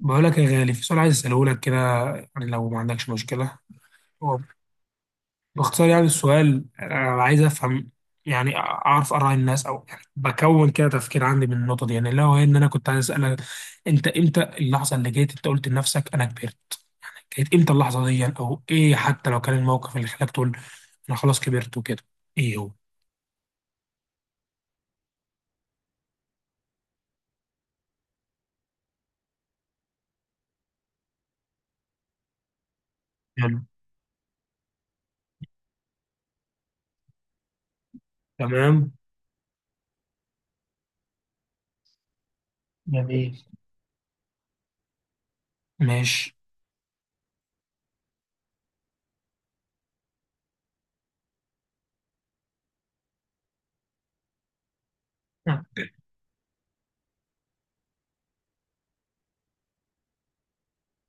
بقول لك يا غالي، في سؤال عايز اساله لك كده، يعني لو ما عندكش مشكله. هو باختصار، يعني السؤال انا عايز افهم، يعني اعرف اراء الناس، او يعني بكون كده تفكير عندي من النقطه دي. يعني لو هي ان انا كنت عايز اسالك: انت امتى اللحظه اللي جيت انت قلت لنفسك انا كبرت؟ كانت امتى اللحظه دي يعني، او ايه حتى لو كان الموقف اللي خلاك تقول انا خلاص كبرت وكده؟ ايه هو؟ حلو. تمام. جميل. ماشي.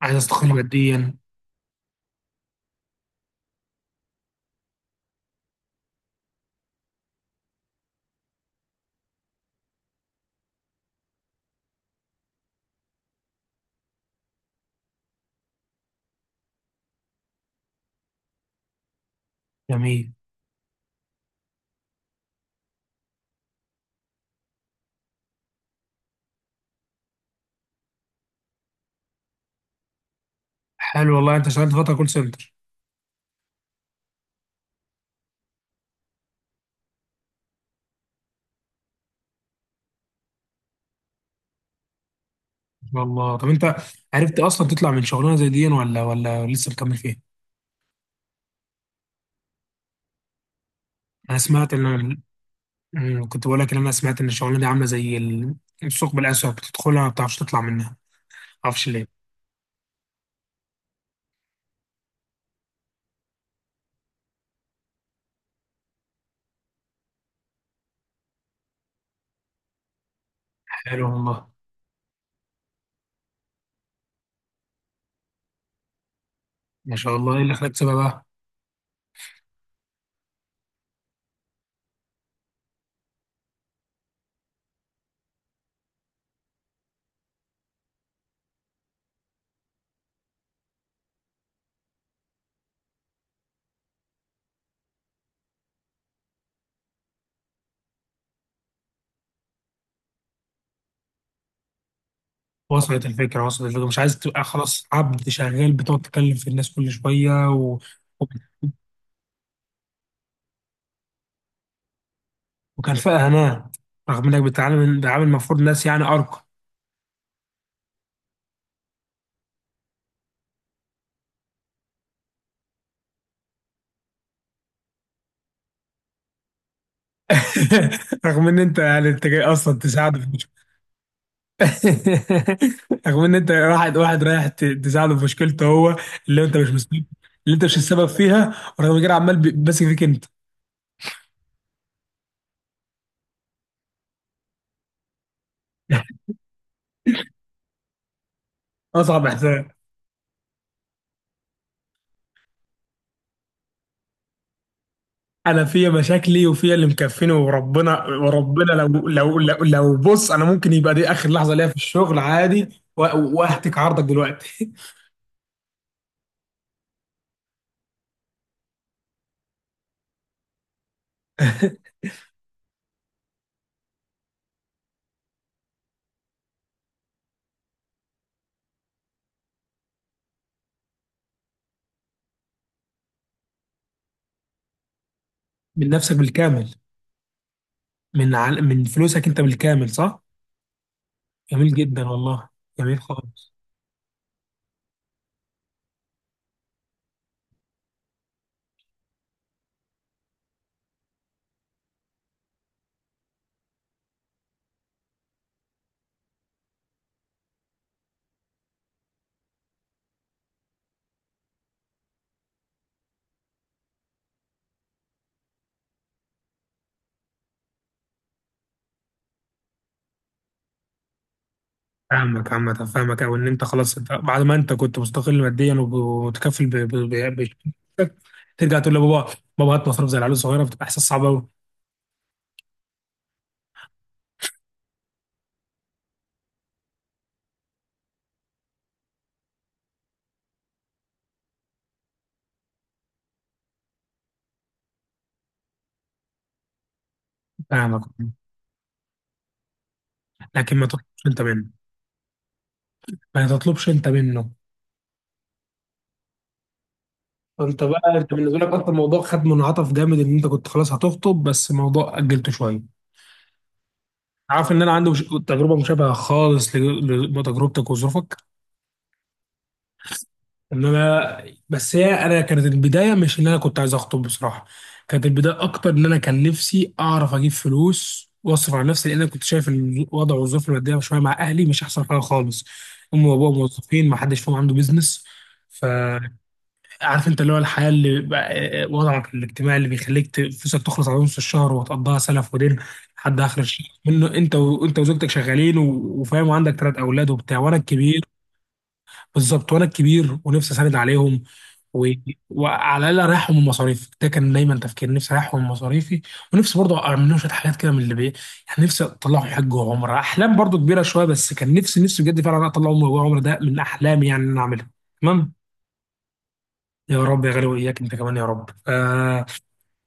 عايز استقل ماديا. جميل. حلو والله، انت اشتغلت فتره كول سنتر؟ شاء الله. طب انت عرفت اصلا تطلع من شغلانه زي دي ولا لسه مكمل فيها؟ انا سمعت ان كنت بقول لك ان انا سمعت ان الشغلانه دي عامله زي الثقب الاسود، بتدخلها ما بتعرفش تطلع منها، ما اعرفش ليه. حلو والله. ما شاء الله. ايه اللي خلاك تسيبها بقى؟ وصلت الفكره، وصلت الفكره، مش عايز تبقى خلاص عبد شغال بتقعد تتكلم في الناس كل شويه و... و- وكرفاء هناء، رغم انك بتتعامل بتعامل المفروض ناس يعني ارقى. رغم ان انت يعني انت جاي اصلا تساعد. رغم ان انت واحد واحد رايح تساعده في مشكلته هو، اللي انت مش مسؤول، اللي انت مش السبب فيها، ورغم كده عمال ماسك فيك انت. اصعب احساس. انا فيا مشاكلي وفيا اللي مكفيني، وربنا وربنا لو بص، انا ممكن يبقى دي اخر لحظه ليا في الشغل عادي، واهتك عرضك دلوقتي. من نفسك بالكامل؟ من فلوسك انت بالكامل صح؟ جميل جدا والله، جميل خالص. فاهمك عامة، فاهمك، أو إن أنت خلاص أنت بعد ما أنت كنت مستقل ماديا، ومتكفل ب- ترجع تقول لبابا: بابا هات مصروف زي العيال الصغيرة، بتبقى إحساس صعب أوي. فاهمك. لكن ما تطلبش أنت منه. ما تطلبش أنت منه. أنت بقى، أنت بالنسبة لك أصلا الموضوع خد منعطف جامد، إن أنت كنت خلاص هتخطب بس الموضوع أجلته شوية. عارف إن أنا عندي مش... تجربة مشابهة خالص لتجربتك وظروفك. ان انا، بس هي انا كانت البدايه مش ان انا كنت عايز اخطب بصراحه. كانت البدايه اكتر ان انا كان نفسي اعرف اجيب فلوس واصرف على نفسي، لان انا كنت شايف الوضع والظروف الماديه شويه مع اهلي مش احسن حاجه خالص. امي وابوها موظفين، ما حدش فيهم عنده بيزنس. فعارف انت اللي هو الحياه اللي بقى، وضعك الاجتماعي اللي بيخليك فلوسك تخلص على نص الشهر وتقضيها سلف ودين لحد اخر الشهر منه، انت وانت وزوجتك شغالين وفاهم، وعندك ثلاث اولاد وبتاع، وانا الكبير. بالظبط، وانا الكبير ونفسي اساند عليهم. و... وعلى الاقل اريحهم من مصاريفي، ده كان دايما تفكير نفسي اريحهم من مصاريفي. ونفسي برضه اعمل لهم شويه حاجات كده من اللي بي، يعني نفسي اطلعهم حج وعمره، احلام برضه كبيره شويه بس كان نفسي نفسي بجد فعلا اطلعهم حج وعمره، ده من احلامي يعني ان انا اعملها. تمام. يا رب يا غالي، واياك انت كمان يا رب.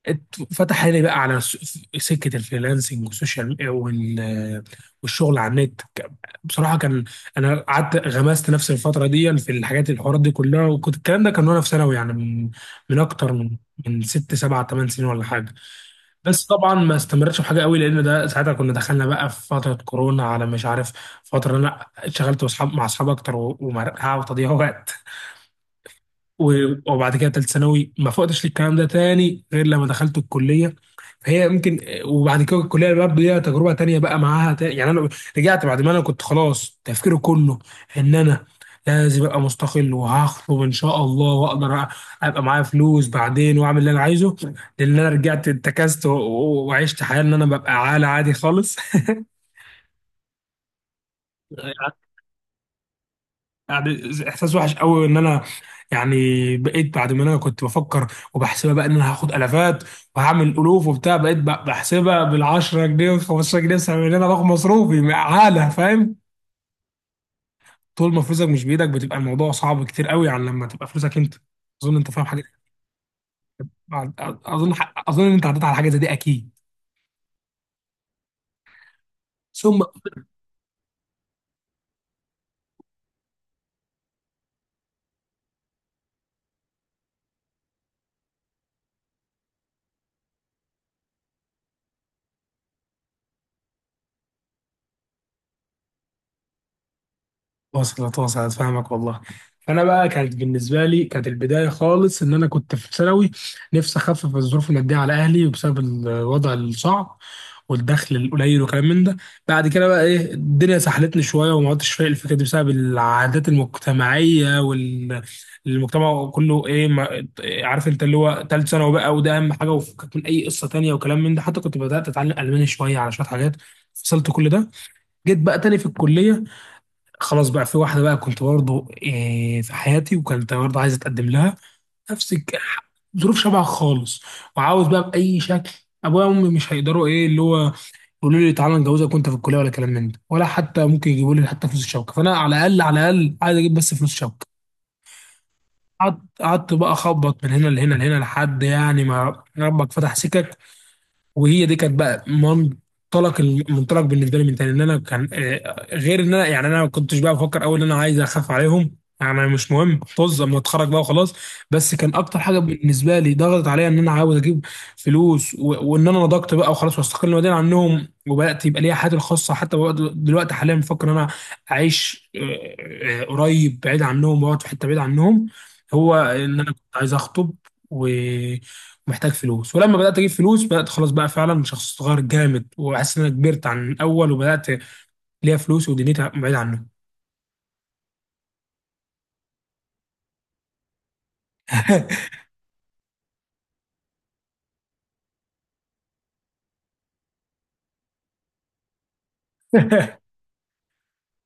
فتح لي بقى على سكه الفريلانسنج والسوشيال والشغل على النت بصراحه كان انا قعدت غمست نفسي الفتره دي في الحاجات الحوارات دي كلها، وكنت الكلام ده كان وانا في ثانوي يعني، من اكتر من ست سبع ثمان سنين ولا حاجه. بس طبعا ما استمرتش في حاجه قوي، لان ده ساعتها كنا دخلنا بقى في فتره كورونا، على مش عارف، فتره انا اشتغلت واصحاب مع اصحاب اكتر، ومرقعه وتضييع وقت، وبعد كده تالت ثانوي ما فقتش للكلام ده تاني غير لما دخلت الكليه. فهي ممكن. وبعد كده الكليه برضه ليها تجربه تانية بقى معاها، يعني انا رجعت بعد ما انا كنت خلاص تفكيري كله ان انا لازم ابقى مستقل وهخطب ان شاء الله، واقدر ابقى معايا فلوس بعدين واعمل اللي انا عايزه، لان انا رجعت اتكست وعشت حياه ان انا ببقى عالة عادي خالص. يعني احساس وحش قوي ان انا، يعني بقيت بعد ما انا كنت بفكر وبحسبها بقى ان انا هاخد الافات وهعمل الوف وبتاع، بقيت بحسبها بال 10 جنيه وال 15 جنيه بسبب ان انا باخد مصروفي عاله، فاهم؟ طول ما فلوسك مش بايدك بتبقى الموضوع صعب كتير قوي عن لما تبقى فلوسك انت. اظن انت فاهم حاجه. اظن اظن انت عديت على حاجه زي دي اكيد. ثم، وصلت وصلت. فاهمك والله. انا بقى كانت بالنسبه لي كانت البدايه خالص ان انا كنت في ثانوي، نفسي اخفف الظروف الماديه على اهلي بسبب الوضع الصعب والدخل القليل وكلام من ده. بعد كده بقى ايه، الدنيا سحلتني شويه وما عدتش فايق الفكره دي بسبب العادات المجتمعيه والمجتمع كله، ايه ما... عارف انت اللي هو ثالث ثانوي بقى، وده اهم حاجه وفكك من اي قصه تانيه وكلام من ده. حتى كنت بدات اتعلم الماني شويه على شويه حاجات، فصلت كل ده. جيت بقى تاني في الكليه، خلاص بقى في واحدة بقى كنت برضه إيه في حياتي، وكنت برضه عايز أتقدم لها نفس ظروف شبه خالص. وعاوز بقى بأي شكل. أبويا وأمي مش هيقدروا، إيه اللي هو يقولوا لي تعالى نجوزك وأنت في الكلية ولا كلام من ده، ولا حتى ممكن يجيبوا لي حتى فلوس الشبكة، فأنا على الأقل على الأقل عايز أجيب بس فلوس شبكة. قعدت قعدت بقى أخبط من هنا لهنا لهنا لحد يعني ما ربك فتح سكك. وهي دي كانت بقى منطلق المنطلق بالنسبه لي من تاني، ان انا كان، غير ان انا يعني انا ما كنتش بقى بفكر اول ان انا عايز اخاف عليهم يعني، مش مهم طز اما اتخرج بقى وخلاص. بس كان اكتر حاجه بالنسبه لي ضغطت عليا ان انا عاوز اجيب فلوس، و... وان انا نضجت بقى وخلاص واستقل ماديا عنهم، وبدات يبقى ليا حياتي الخاصه. حتى بقى دلوقتي حاليا بفكر ان انا اعيش، قريب بعيد عنهم واقعد في حته بعيد عنهم. هو ان انا كنت عايز اخطب و... محتاج فلوس، ولما بدات اجيب فلوس بدات خلاص بقى فعلا شخص صغير جامد، وحاسس ان انا كبرت عن الاول وبدات ليا فلوس ودنيتي بعيد عنه.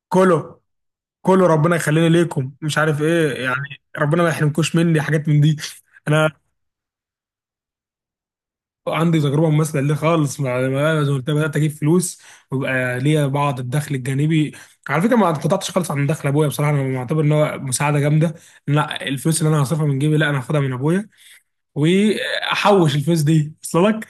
كله، كله ربنا يخليني ليكم مش عارف ايه، يعني ربنا ما يحرمكوش مني حاجات من دي. انا عندي تجربه مماثله ليه خالص زي ما قلت لك، بدات اجيب فلوس ويبقى ليا بعض الدخل الجانبي. على فكره ما انقطعتش خالص عن دخل ابويا بصراحه، انا معتبر ان هو مساعده جامده. لا الفلوس اللي انا هصرفها من جيبي، لا انا هاخدها من ابويا واحوش الفلوس دي. وصل لك؟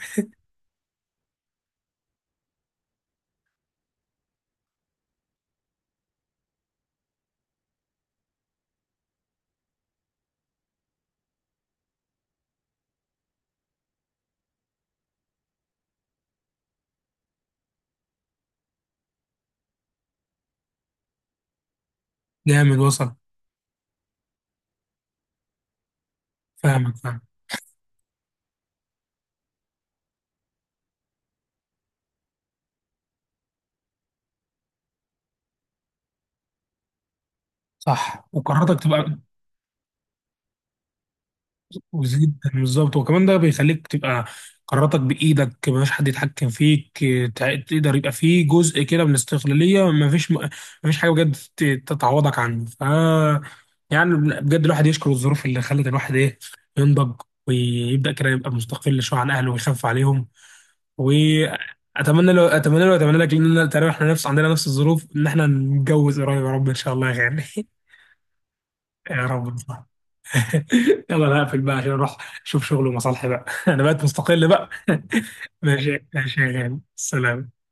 جامد وصل. فاهمك. فاهم. صح. وقراراتك تبقى جدا بالظبط، وكمان ده بيخليك تبقى قراراتك بايدك، مفيش حد يتحكم فيك، تقدر يبقى فيه جزء كده من الاستقلاليه، مفيش مفيش حاجه بجد تتعوضك عنه. يعني بجد، الواحد يشكر الظروف اللي خلت الواحد ايه، ينضج ويبدا كده يبقى مستقل شويه عن اهله ويخاف عليهم. واتمنى لو، اتمنى لو اتمنى لك، لان تقريبا احنا نفس عندنا نفس الظروف، ان احنا نتجوز قريب يا رب ان شاء الله يا غالي. يا رب. يلا انا هقفل بقى عشان اروح اشوف شغل ومصالحي بقى. انا بقيت مستقل بقى. ماشي ماشي يا غالي سلام.